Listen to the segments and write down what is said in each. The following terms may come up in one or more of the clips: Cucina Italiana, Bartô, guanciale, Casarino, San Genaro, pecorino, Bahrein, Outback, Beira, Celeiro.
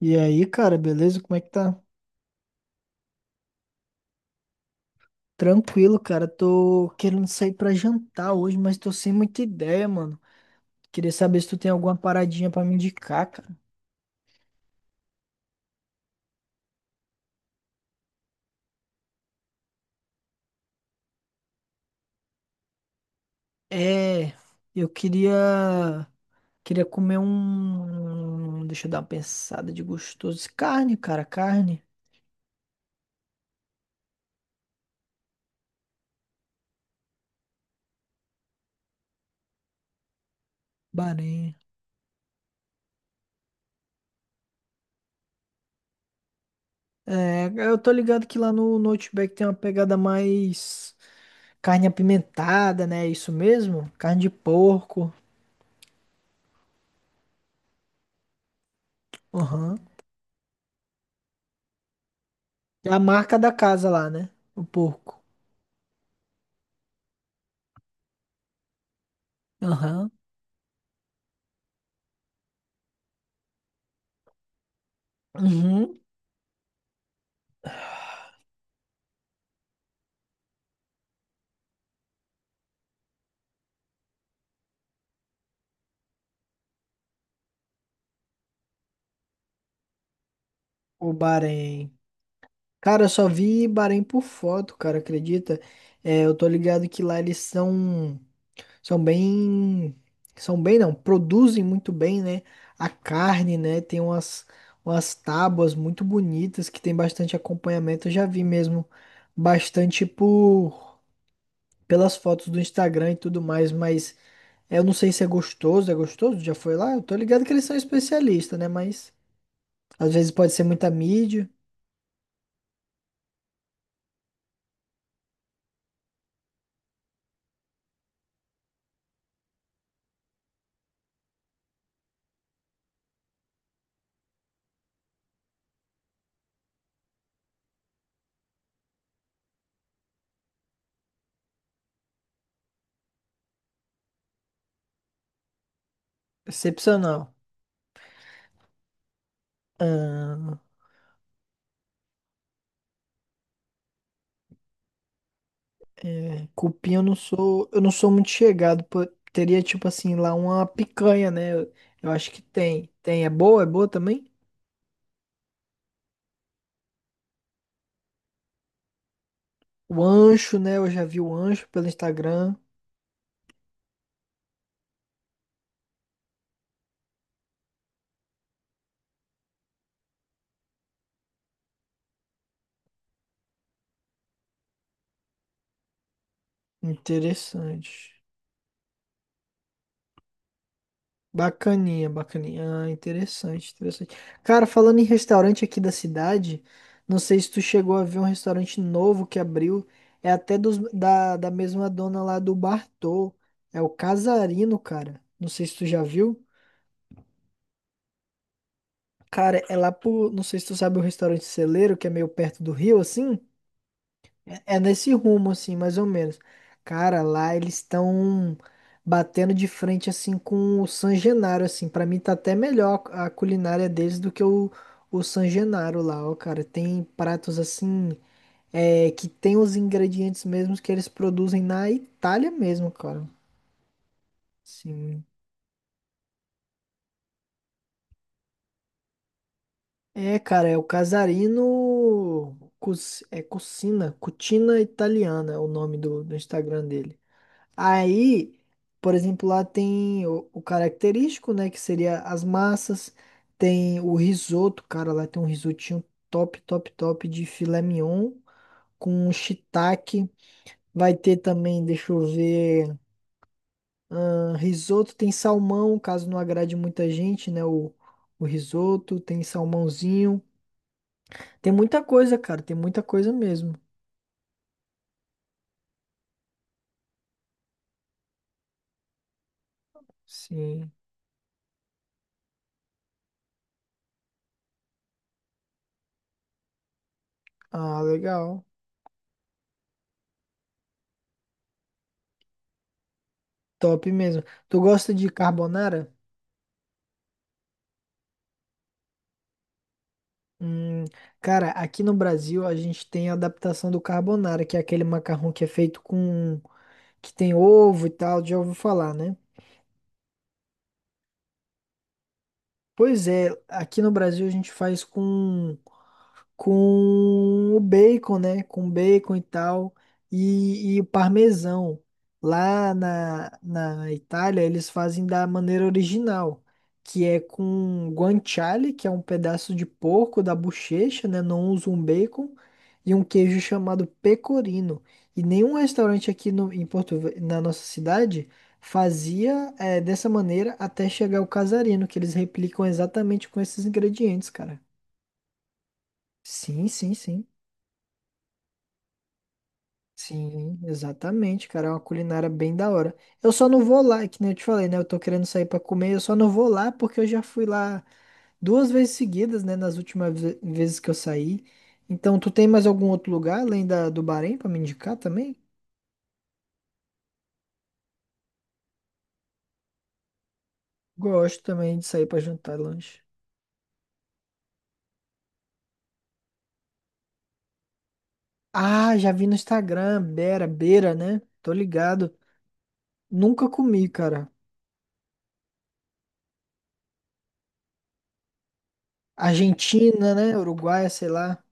E aí, cara, beleza? Como é que tá? Tranquilo, cara. Tô querendo sair pra jantar hoje, mas tô sem muita ideia, mano. Queria saber se tu tem alguma paradinha pra me indicar, cara. É, eu queria comer um, deixa eu dar uma pensada de gostoso. Carne, cara, carne. Baranha. É, eu tô ligado que lá no Outback tem uma pegada mais carne apimentada, né? É isso mesmo? Carne de porco. Aham. É a marca da casa lá, né? O porco. Aham. Uhum. O Bahrein. Cara, eu só vi Bahrein por foto, cara, acredita? É, eu tô ligado que lá eles são, são bem, são bem não, produzem muito bem, né? A carne, né? Tem umas, umas tábuas muito bonitas que tem bastante acompanhamento. Eu já vi mesmo bastante por pelas fotos do Instagram e tudo mais, mas é, eu não sei se é gostoso, é gostoso? Já foi lá? Eu tô ligado que eles são especialistas, né? Mas às vezes pode ser muita mídia. Excepcional. Ah, é, cupim eu não sou muito chegado, pô. Teria tipo assim lá uma picanha, né? Eu acho que tem. Tem, é boa também? O ancho, né? Eu já vi o ancho pelo Instagram. Interessante. Bacaninha, bacaninha. Ah, interessante, interessante. Cara, falando em restaurante aqui da cidade, não sei se tu chegou a ver um restaurante novo que abriu. É até dos, da, da mesma dona lá do Bartô. É o Casarino, cara. Não sei se tu já viu. Cara, é lá pro. Não sei se tu sabe o restaurante Celeiro, que é meio perto do rio, assim. É nesse rumo, assim, mais ou menos. Cara, lá eles estão batendo de frente, assim, com o San Genaro, assim. Pra mim tá até melhor a culinária deles do que o San Genaro lá, ó, cara. Tem pratos, assim, é, que tem os ingredientes mesmos que eles produzem na Itália mesmo, cara. Sim. É, cara, é o Casarino... Cus, é Cucina, Cucina Italiana é o nome do, do Instagram dele. Aí, por exemplo, lá tem o característico, né, que seria as massas, tem o risoto, cara, lá tem um risotinho top, top, top de filé mignon com shiitake. Vai ter também, deixa eu ver, ah, risoto, tem salmão, caso não agrade muita gente, né, o risoto, tem salmãozinho. Tem muita coisa, cara, tem muita coisa mesmo. Sim. Ah, legal. Top mesmo. Tu gosta de carbonara? Hum, Cara, aqui no Brasil a gente tem a adaptação do carbonara, que é aquele macarrão que é feito com... que tem ovo e tal, já ouviu falar, né? Pois é, aqui no Brasil a gente faz com o bacon, né? Com bacon e tal, e o parmesão. Lá na, na Itália, eles fazem da maneira original, que é com guanciale, que é um pedaço de porco da bochecha, né? Não usam um bacon, e um queijo chamado pecorino. E nenhum restaurante aqui no, em Porto, Ve- na nossa cidade fazia dessa maneira até chegar o casarino, que eles replicam exatamente com esses ingredientes, cara. Sim, sim, sim. Sim, exatamente, cara. É uma culinária bem da hora. Eu só não vou lá, é que nem eu te falei, né? Eu tô querendo sair pra comer, eu só não vou lá porque eu já fui lá duas vezes seguidas, né? Nas últimas ve- vezes que eu saí. Então, tu tem mais algum outro lugar além da, do Bahrein pra me indicar também? Gosto também de sair pra jantar e lanche. Ah, já vi no Instagram, Beira, Beira, né? Tô ligado. Nunca comi, cara. Argentina, né? Uruguaia, sei lá.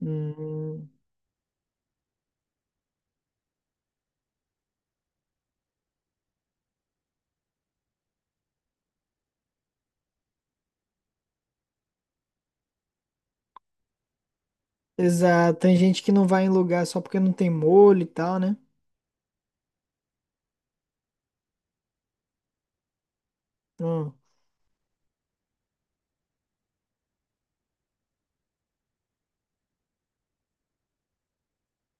Hum. Exato, tem gente que não vai em lugar só porque não tem molho e tal, né? Hum,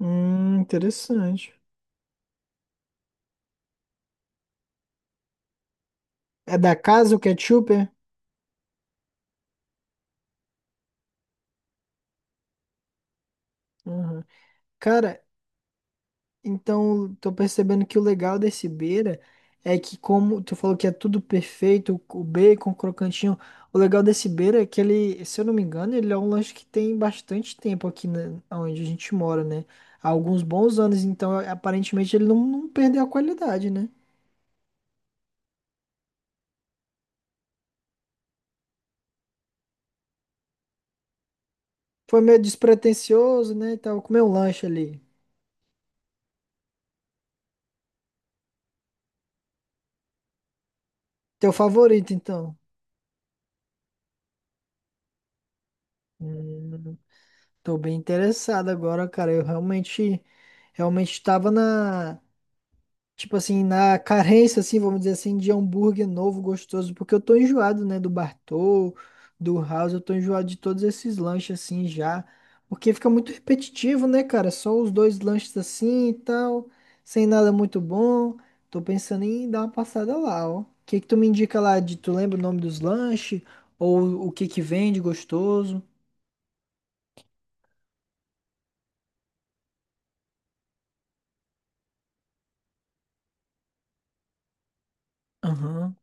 hum, interessante. É da casa o ketchup, é? Uhum. Cara, então tô percebendo que o legal desse Beira é que como tu falou que é tudo perfeito, o bacon, o crocantinho, o legal desse Beira é que ele, se eu não me engano, ele é um lanche que tem bastante tempo aqui na, onde a gente mora, né? Há alguns bons anos, então aparentemente ele não, não perdeu a qualidade, né? Foi meio despretensioso, né? E tal. Comeu um lanche ali. Teu favorito, então? Hum, tô bem interessado agora, cara. Eu realmente, realmente estava na, tipo assim, na carência, assim, vamos dizer assim, de hambúrguer novo, gostoso, porque eu tô enjoado, né, do Bartô, do House, eu tô enjoado de todos esses lanches, assim, já, porque fica muito repetitivo, né, cara, só os dois lanches assim e tal, sem nada muito bom, tô pensando em dar uma passada lá, ó, o que que tu me indica lá, de, tu lembra o nome dos lanches, ou o que que vende gostoso? Aham.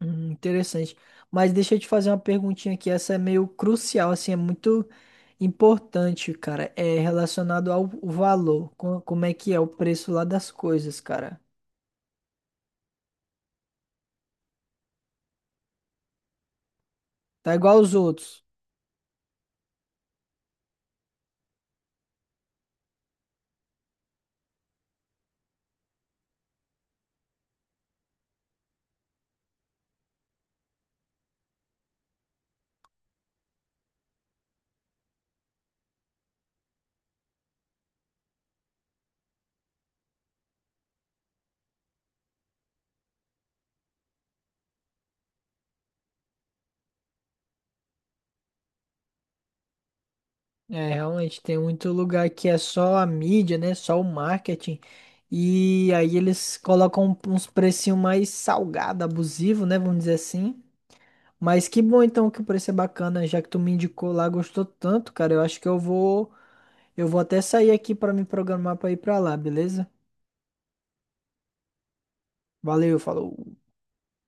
Interessante. Mas deixa eu te fazer uma perguntinha aqui. Essa é meio crucial, assim, é muito importante, cara. É relacionado ao valor. Co- Como é que é o preço lá das coisas, cara? Tá igual aos outros. É, realmente, tem muito lugar que é só a mídia, né? Só o marketing. E aí eles colocam um, uns precinhos mais salgado, abusivo, né? Vamos dizer assim. Mas que bom então que o preço é bacana, já que tu me indicou lá, gostou tanto, cara. Eu acho que eu vou. Eu vou até sair aqui para me programar para ir para lá, beleza? Valeu, falou.